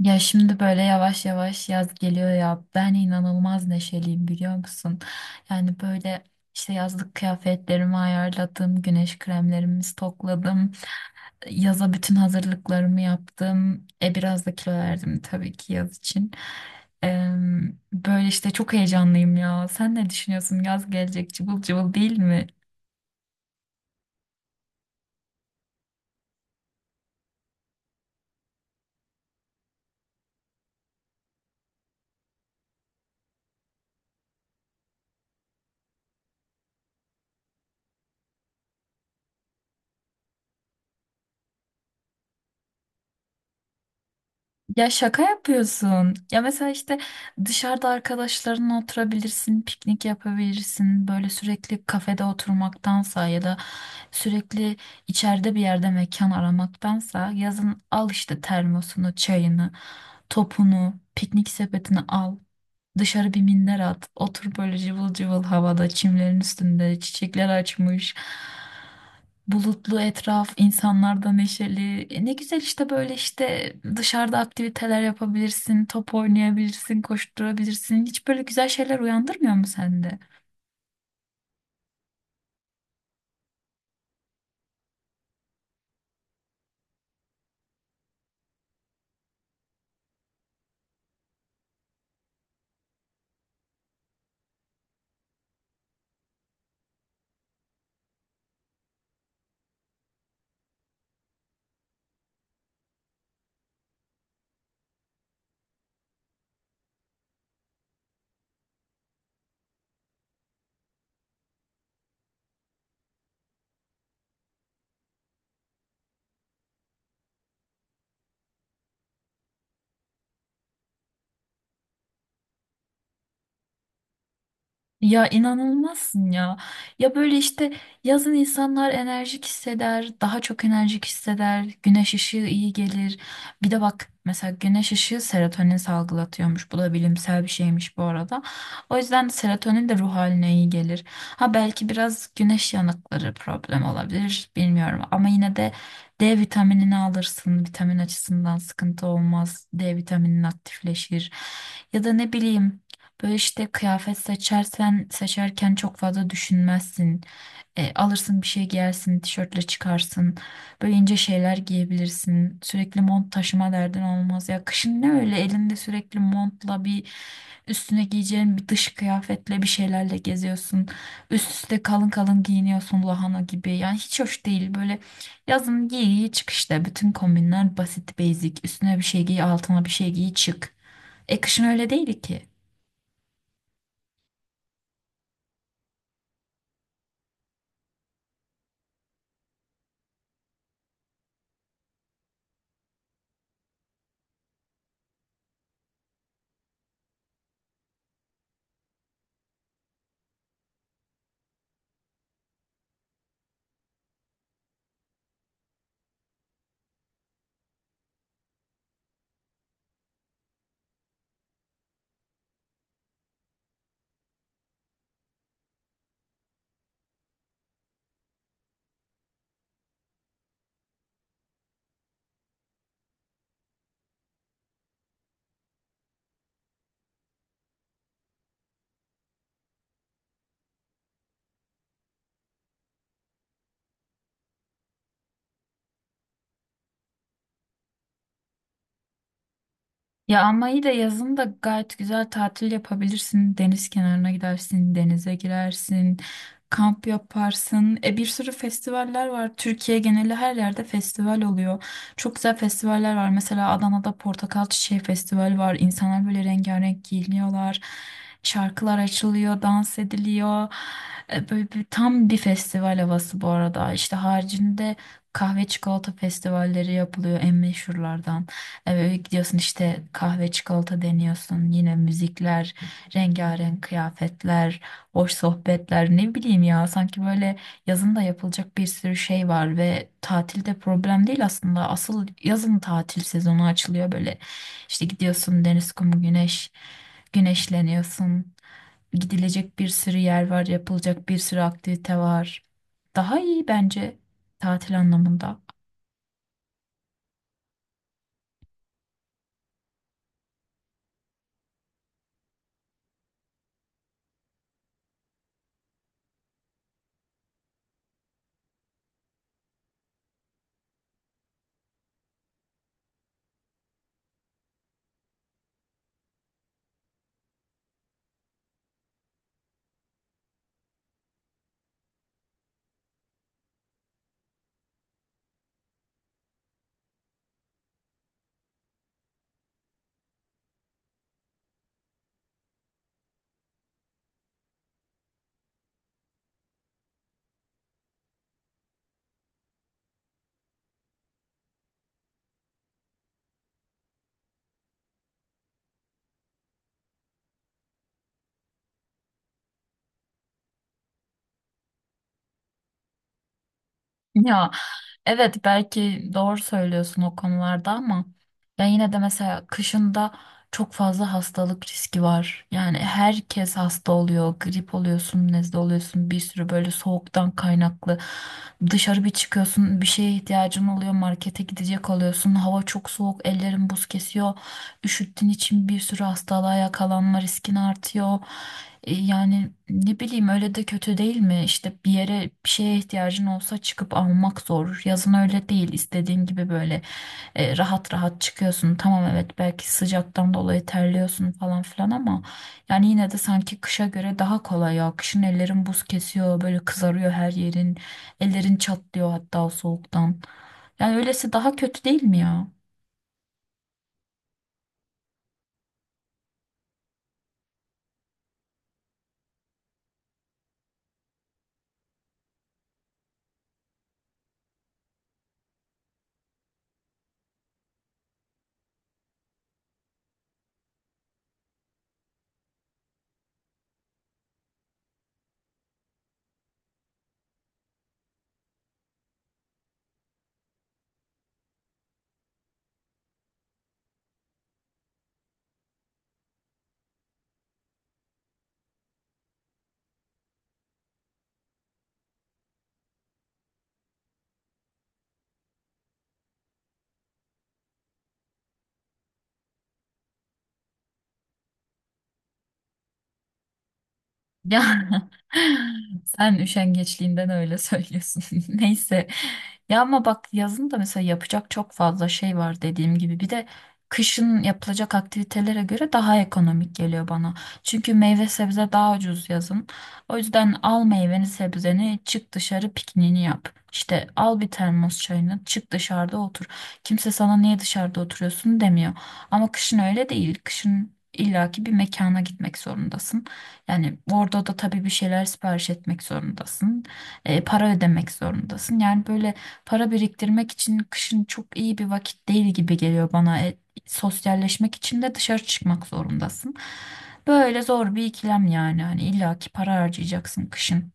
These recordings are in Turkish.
Ya şimdi böyle yavaş yavaş yaz geliyor ya. Ben inanılmaz neşeliyim biliyor musun? Yani böyle işte yazlık kıyafetlerimi ayarladım, güneş kremlerimi stokladım. Yaza bütün hazırlıklarımı yaptım. Biraz da kilo verdim tabii ki yaz için. Eee, Böyle işte çok heyecanlıyım ya. Sen ne düşünüyorsun? Yaz gelecek cıvıl cıvıl değil mi? Ya şaka yapıyorsun. Ya mesela işte dışarıda arkadaşlarınla oturabilirsin, piknik yapabilirsin. Böyle sürekli kafede oturmaktansa ya da sürekli içeride bir yerde mekan aramaktansa yazın al işte termosunu, çayını, topunu, piknik sepetini al. Dışarı bir minder at. Otur böyle cıvıl cıvıl havada, çimlerin üstünde, çiçekler açmış. Bulutlu etraf, insanlar da neşeli. Ne güzel işte böyle işte dışarıda aktiviteler yapabilirsin, top oynayabilirsin, koşturabilirsin. Hiç böyle güzel şeyler uyandırmıyor mu sende? Ya inanılmazsın ya. Ya böyle işte yazın insanlar enerjik hisseder, daha çok enerjik hisseder, güneş ışığı iyi gelir. Bir de bak mesela güneş ışığı serotonin salgılatıyormuş. Bu da bilimsel bir şeymiş bu arada. O yüzden serotonin de ruh haline iyi gelir. Ha belki biraz güneş yanıkları problem olabilir bilmiyorum ama yine de D vitaminini alırsın. Vitamin açısından sıkıntı olmaz. D vitaminin aktifleşir. Ya da ne bileyim, böyle işte kıyafet seçersen seçerken çok fazla düşünmezsin. Alırsın bir şey giyersin, tişörtle çıkarsın. Böyle ince şeyler giyebilirsin. Sürekli mont taşıma derdin olmaz. Ya kışın ne öyle elinde sürekli montla bir üstüne giyeceğin bir dış kıyafetle bir şeylerle geziyorsun. Üst üste kalın kalın giyiniyorsun lahana gibi. Yani hiç hoş değil böyle yazın giy giy çık işte. Bütün kombinler basit basic. Üstüne bir şey giy altına bir şey giy çık. Kışın öyle değil ki. Ya ama iyi de yazın da gayet güzel tatil yapabilirsin. Deniz kenarına gidersin, denize girersin, kamp yaparsın. Bir sürü festivaller var. Türkiye geneli her yerde festival oluyor. Çok güzel festivaller var. Mesela Adana'da Portakal Çiçeği Festivali var. İnsanlar böyle rengarenk giyiniyorlar. Şarkılar açılıyor, dans ediliyor. Tam bir festival havası bu arada. İşte haricinde kahve çikolata festivalleri yapılıyor en meşhurlardan. Gidiyorsun işte kahve çikolata deniyorsun. Yine müzikler, rengarenk kıyafetler, hoş sohbetler ne bileyim ya. Sanki böyle yazın da yapılacak bir sürü şey var ve tatilde problem değil aslında. Asıl yazın tatil sezonu açılıyor böyle. İşte gidiyorsun deniz, kum, güneş, güneşleniyorsun. Gidilecek bir sürü yer var, yapılacak bir sürü aktivite var. Daha iyi bence tatil anlamında. Ya evet belki doğru söylüyorsun o konularda ama ya yine de mesela kışında çok fazla hastalık riski var. Yani herkes hasta oluyor, grip oluyorsun, nezle oluyorsun, bir sürü böyle soğuktan kaynaklı. Dışarı bir çıkıyorsun, bir şeye ihtiyacın oluyor, markete gidecek oluyorsun, hava çok soğuk, ellerin buz kesiyor. Üşüttüğün için bir sürü hastalığa yakalanma riskin artıyor. Yani ne bileyim öyle de kötü değil mi? İşte bir yere bir şeye ihtiyacın olsa çıkıp almak zor. Yazın öyle değil. İstediğin gibi böyle rahat rahat çıkıyorsun. Tamam evet belki sıcaktan dolayı terliyorsun falan filan ama yani yine de sanki kışa göre daha kolay ya. Kışın ellerin buz kesiyor, böyle kızarıyor her yerin. Ellerin çatlıyor hatta o soğuktan. Yani öylesi daha kötü değil mi ya? Ya sen üşengeçliğinden öyle söylüyorsun. Neyse. Ya ama bak yazın da mesela yapacak çok fazla şey var dediğim gibi. Bir de kışın yapılacak aktivitelere göre daha ekonomik geliyor bana. Çünkü meyve sebze daha ucuz yazın. O yüzden al meyveni sebzeni çık dışarı pikniğini yap. İşte al bir termos çayını çık dışarıda otur. Kimse sana niye dışarıda oturuyorsun demiyor. Ama kışın öyle değil. Kışın illaki bir mekana gitmek zorundasın. Yani orada da tabii bir şeyler sipariş etmek zorundasın. Para ödemek zorundasın. Yani böyle para biriktirmek için kışın çok iyi bir vakit değil gibi geliyor bana. Sosyalleşmek için de dışarı çıkmak zorundasın. Böyle zor bir ikilem yani. Hani illaki para harcayacaksın kışın.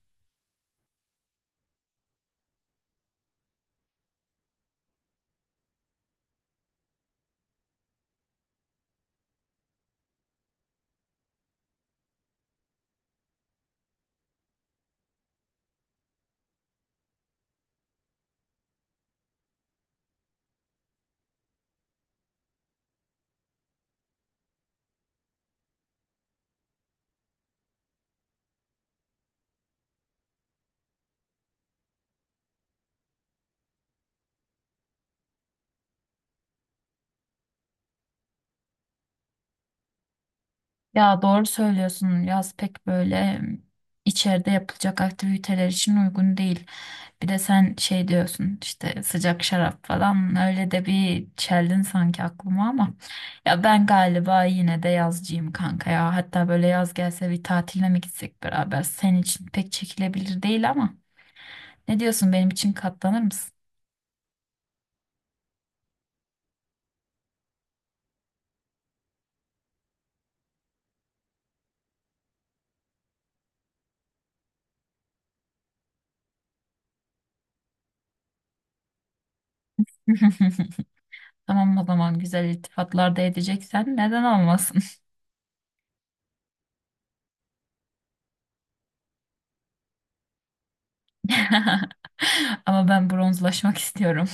Ya doğru söylüyorsun. Yaz pek böyle içeride yapılacak aktiviteler için uygun değil. Bir de sen şey diyorsun işte sıcak şarap falan öyle de bir çeldin sanki aklıma ama ya ben galiba yine de yazcıyım kanka ya. Hatta böyle yaz gelse bir tatile mi gitsek beraber? Senin için pek çekilebilir değil ama ne diyorsun benim için katlanır mısın? Tamam o zaman güzel iltifatlar da edeceksen neden olmasın? Ama ben bronzlaşmak istiyorum.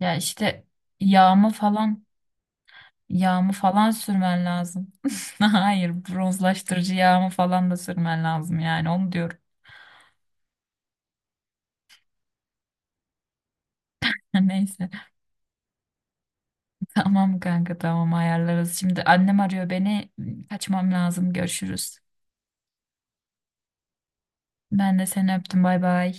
Ya işte yağımı falan yağımı falan sürmen lazım. Hayır, bronzlaştırıcı yağımı falan da sürmen lazım yani onu diyorum. Neyse. Tamam kanka tamam ayarlarız. Şimdi annem arıyor beni. Kaçmam lazım. Görüşürüz. Ben de seni öptüm. Bay bay.